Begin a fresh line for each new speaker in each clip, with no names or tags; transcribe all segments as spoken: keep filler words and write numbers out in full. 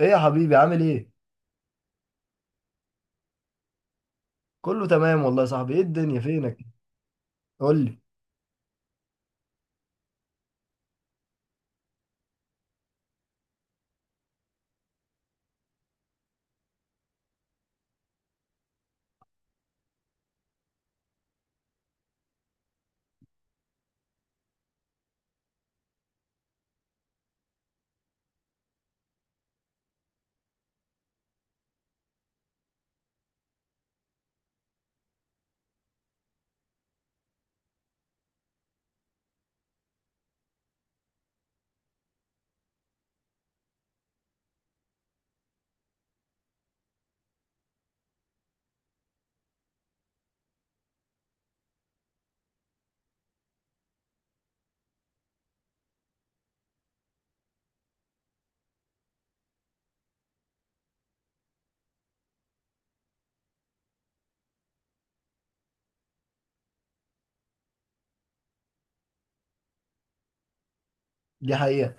ايه يا حبيبي عامل ايه؟ كله تمام والله يا صاحبي. ايه الدنيا فينك؟ قول لي. دي حقيقة.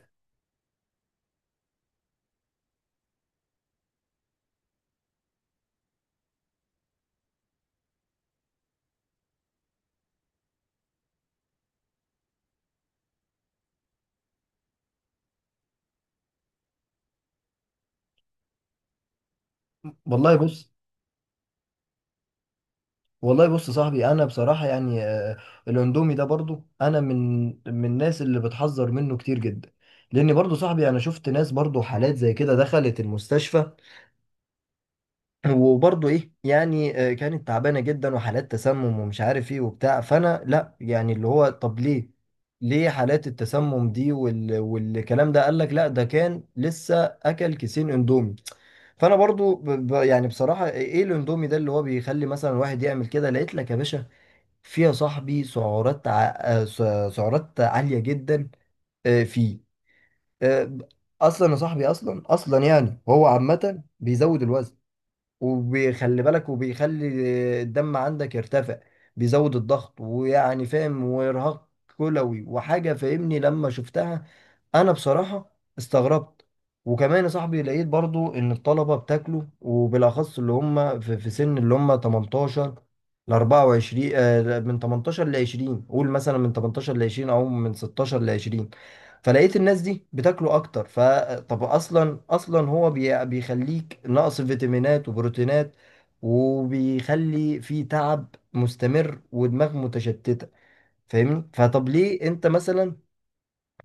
والله بص. والله بص يا صاحبي، انا بصراحة يعني آه، الاندومي ده برضو انا من من الناس اللي بتحذر منه كتير جدا. لان برضو صاحبي انا شفت ناس برضو حالات زي كده دخلت المستشفى. وبرضه ايه يعني، آه، كانت تعبانه جدا وحالات تسمم ومش عارف ايه وبتاع. فانا لا يعني اللي هو طب ليه ليه حالات التسمم دي وال... والكلام ده؟ قال لك لا ده كان لسه اكل كيسين اندومي. فانا برضو ب... ب... يعني بصراحه ايه إيه الاندومي ده اللي هو بيخلي مثلا الواحد يعمل كده؟ لقيت لك يا باشا فيها صاحبي سعرات ع... آه، س- سعرات عاليه جدا. آه، فيه. آه، اصلا يا صاحبي، اصلا اصلا يعني هو عامه بيزود الوزن، وبيخلي بالك، وبيخلي الدم عندك يرتفع، بيزود الضغط ويعني فاهم، وارهاق كلوي وحاجة فاهمني. لما شفتها انا بصراحة استغربت. وكمان يا صاحبي لقيت برضو ان الطلبة بتاكله، وبالاخص اللي هم في في سن اللي هم تمنتاشر ل اربعة وعشرين، آه، من تمنتاشر ل عشرين، قول مثلا من تمنتاشر ل عشرين او من ستاشر ل عشرين. فلقيت الناس دي بتاكله اكتر. فطب اصلا اصلا هو بي- بيخليك ناقص فيتامينات وبروتينات، وبيخلي في تعب مستمر ودماغ متشتتة فاهمني. فطب ليه انت مثلا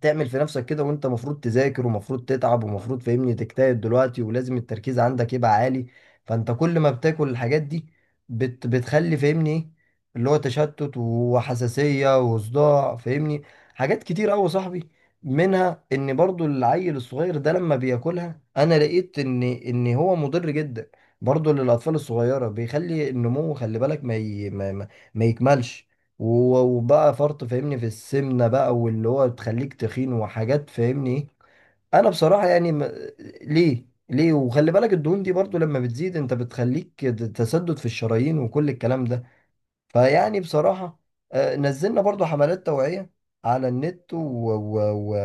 تعمل في نفسك كده، وانت مفروض تذاكر ومفروض تتعب ومفروض فاهمني تجتهد دلوقتي، ولازم التركيز عندك يبقى عالي؟ فانت كل ما بتاكل الحاجات دي بت بتخلي فاهمني ايه اللي هو تشتت وحساسية وصداع فاهمني. حاجات كتير قوي يا صاحبي، منها ان برضو العيل الصغير ده لما بياكلها انا لقيت ان ان هو مضر جدا برضو للاطفال الصغيرة. بيخلي النمو خلي بالك ما ي... ما... ما ما يكملش. و- وبقى فرط فاهمني في السمنة بقى، واللي هو تخليك تخين وحاجات فاهمني ايه. انا بصراحة يعني م... ليه ليه وخلي بالك الدهون دي برضو لما بتزيد انت بتخليك ت- تسدد في الشرايين وكل الكلام ده. فيعني بصراحة آه، نزلنا برضو حملات توعية على النت و... و...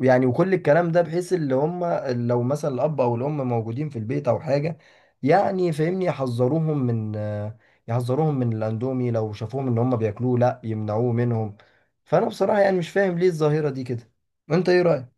يعني، وكل الكلام ده بحيث اللي هم لو مثلا الأب أو الأم موجودين في البيت أو حاجة، يعني فاهمني يحذروهم من يحذروهم من الأندومي، لو شافوهم إن هم بياكلوه لأ يمنعوه منهم. فأنا بصراحة يعني مش فاهم ليه الظاهرة دي كده. أنت إيه رأيك؟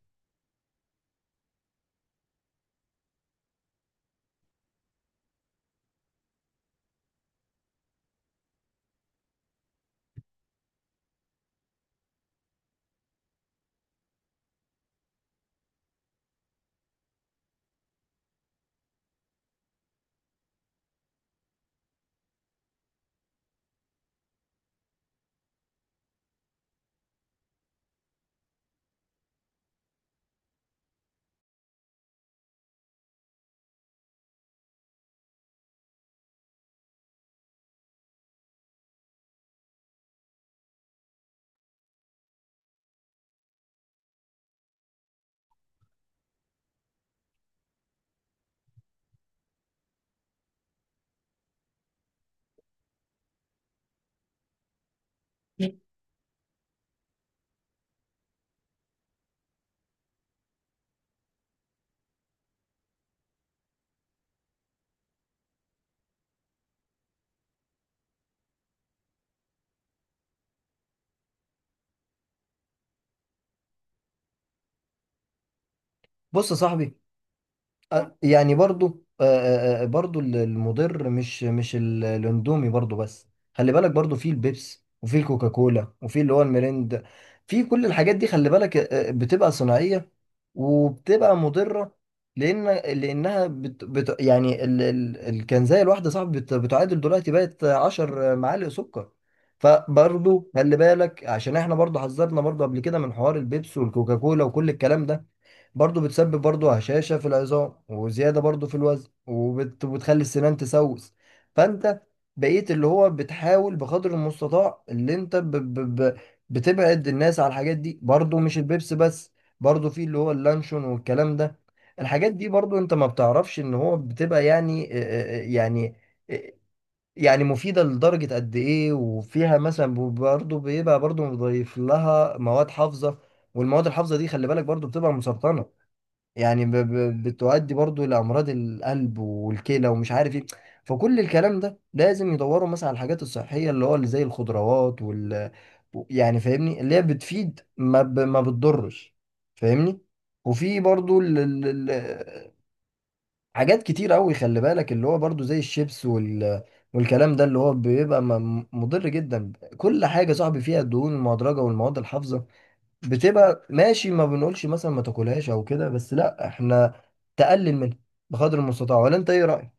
بص يا صاحبي، آه، يعني برضو آه، آه، آه، برضو ال- المضر مش مش ال- الاندومي برضو بس. خلي بالك برضو في البيبس وفي الكوكاكولا وفي اللي هو الميريند، في كل الحاجات دي خلي بالك آه، آه، بتبقى صناعية وبتبقى مضرة. لأن لأنها بت بت يعني ال... ال... الكنزاية الواحدة صعب بت... بتعادل دلوقتي بقت عشر معالق سكر. فبرضو خلي بالك، عشان احنا برضو حذرنا برضو قبل كده من حوار البيبس والكوكاكولا وكل الكلام ده. برضو بتسبب برضو هشاشة في العظام وزيادة برضو في الوزن وبت... وبتخلي السنان تسوس. فانت بقيت اللي هو بتحاول بقدر المستطاع اللي انت ب... ب... ب... بتبعد الناس على الحاجات دي، برضو مش البيبس بس، برضو في اللي هو اللانشون والكلام ده. الحاجات دي برضو انت ما بتعرفش ان هو بتبقى يعني آه، آه، آه، يعني آه، يعني مفيدة لدرجة قد ايه، وفيها مثلا برضو بيبقى برضو مضيف لها مواد حافظة. والمواد الحافظة دي خلي بالك برضو بتبقى مسرطنة، يعني ب... ب... بتؤدي برضو لأمراض القلب والكلى ومش عارف ايه. فكل الكلام ده لازم يدوروا مثلا على الحاجات الصحية اللي هو اللي زي الخضروات وال و- يعني فاهمني اللي هي بتفيد ما ب... ما بتضرش فاهمني. وفي برضو ال... ال... ال... حاجات كتير قوي خلي بالك اللي هو برضو زي الشيبس وال... والكلام ده اللي هو بيبقى م- مضر جدا. كل حاجة صاحبي فيها الدهون المهدرجة والمواد الحافظة بتبقى ماشي، ما بنقولش مثلا ما تاكلهاش او كده، بس لا احنا تقلل منها بقدر المستطاع. ولا انت ايه رايك؟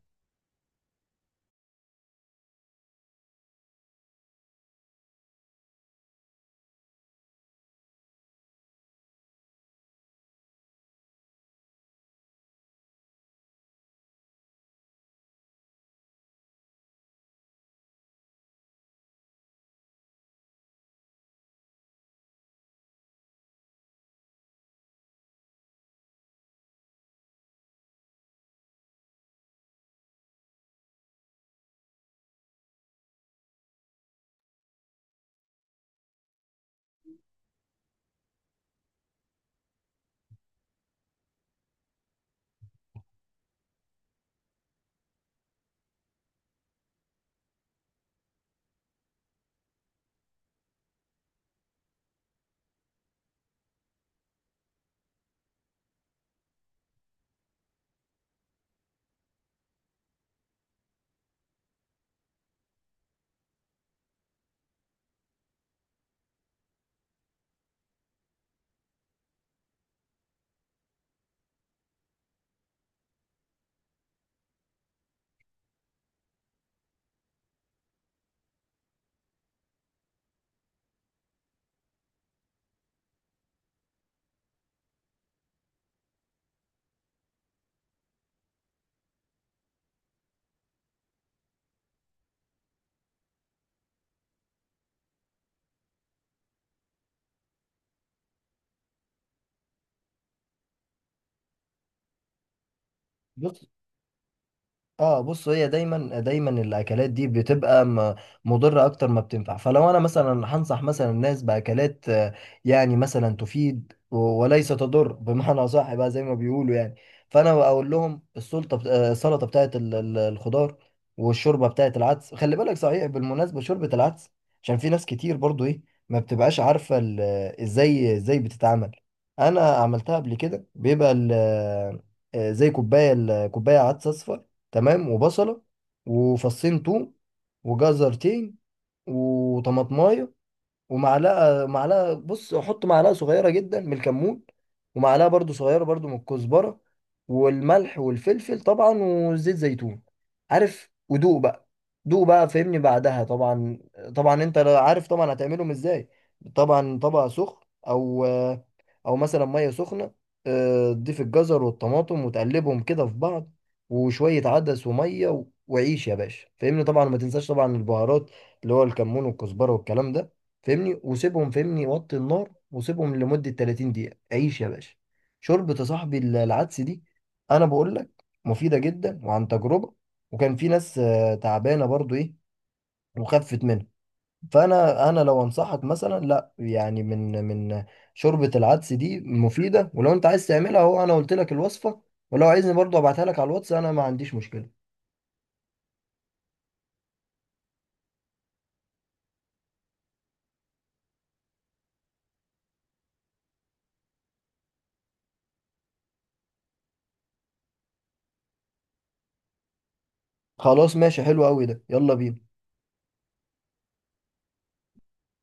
بص. اه بص، هي دايما دايما الاكلات دي بتبقى م- مضره اكتر ما بتنفع. فلو انا مثلا هنصح مثلا الناس باكلات آه، يعني مثلا تفيد و- وليس تضر بمعنى صح بقى زي ما بيقولوا يعني. فانا اقول لهم السلطه بت- آه، السلطه بتاعت ال- ال- الخضار، والشوربه بتاعت العدس. خلي بالك صحيح بالمناسبه شوربه العدس، عشان في ناس كتير برضو ايه ما بتبقاش عارفه ال- ازاي ازاي بتتعمل. انا عملتها قبل كده، بيبقى ال- آه، زي كوبايه ال- كوبايه عدس اصفر تمام، وبصلة، وفصين توم، وجزرتين، وطماطماية، ومعلقه معلقه بص احط معلقه صغيره جدا من الكمون، ومعلقه برضو صغيره برضو من الكزبره، والملح والفلفل طبعا، وزيت زيتون عارف، ودوق بقى. دوق بقى فهمني بعدها طبعا. طبعا انت عارف طبعا هتعملهم ازاي. طبعا طبق سخن، او او مثلا ميه سخنه، آه، تضيف الجزر والطماطم وتقلبهم كده في بعض، وشويه عدس وميه و- وعيش يا باشا فهمني. طبعا ما تنساش طبعا البهارات اللي هو الكمون والكزبره والكلام ده فاهمني، وسيبهم فاهمني وطي النار وسيبهم لمدة تلاتين دقيقة. عيش يا باشا، شوربة يا صاحبي ال- العدس دي انا بقول لك مفيدة جدا، وعن تجربة. وكان في ناس آه، تعبانة برضو ايه وخفت منها. فانا انا لو انصحك مثلا لا يعني من من شوربة العدس دي مفيدة، ولو انت عايز تعملها اهو انا قلت لك الوصفة، ولو عايزني برضو ابعتها لك على الواتس انا ما عنديش مشكلة. خلاص ماشي، حلو قوي ده، يلا بينا.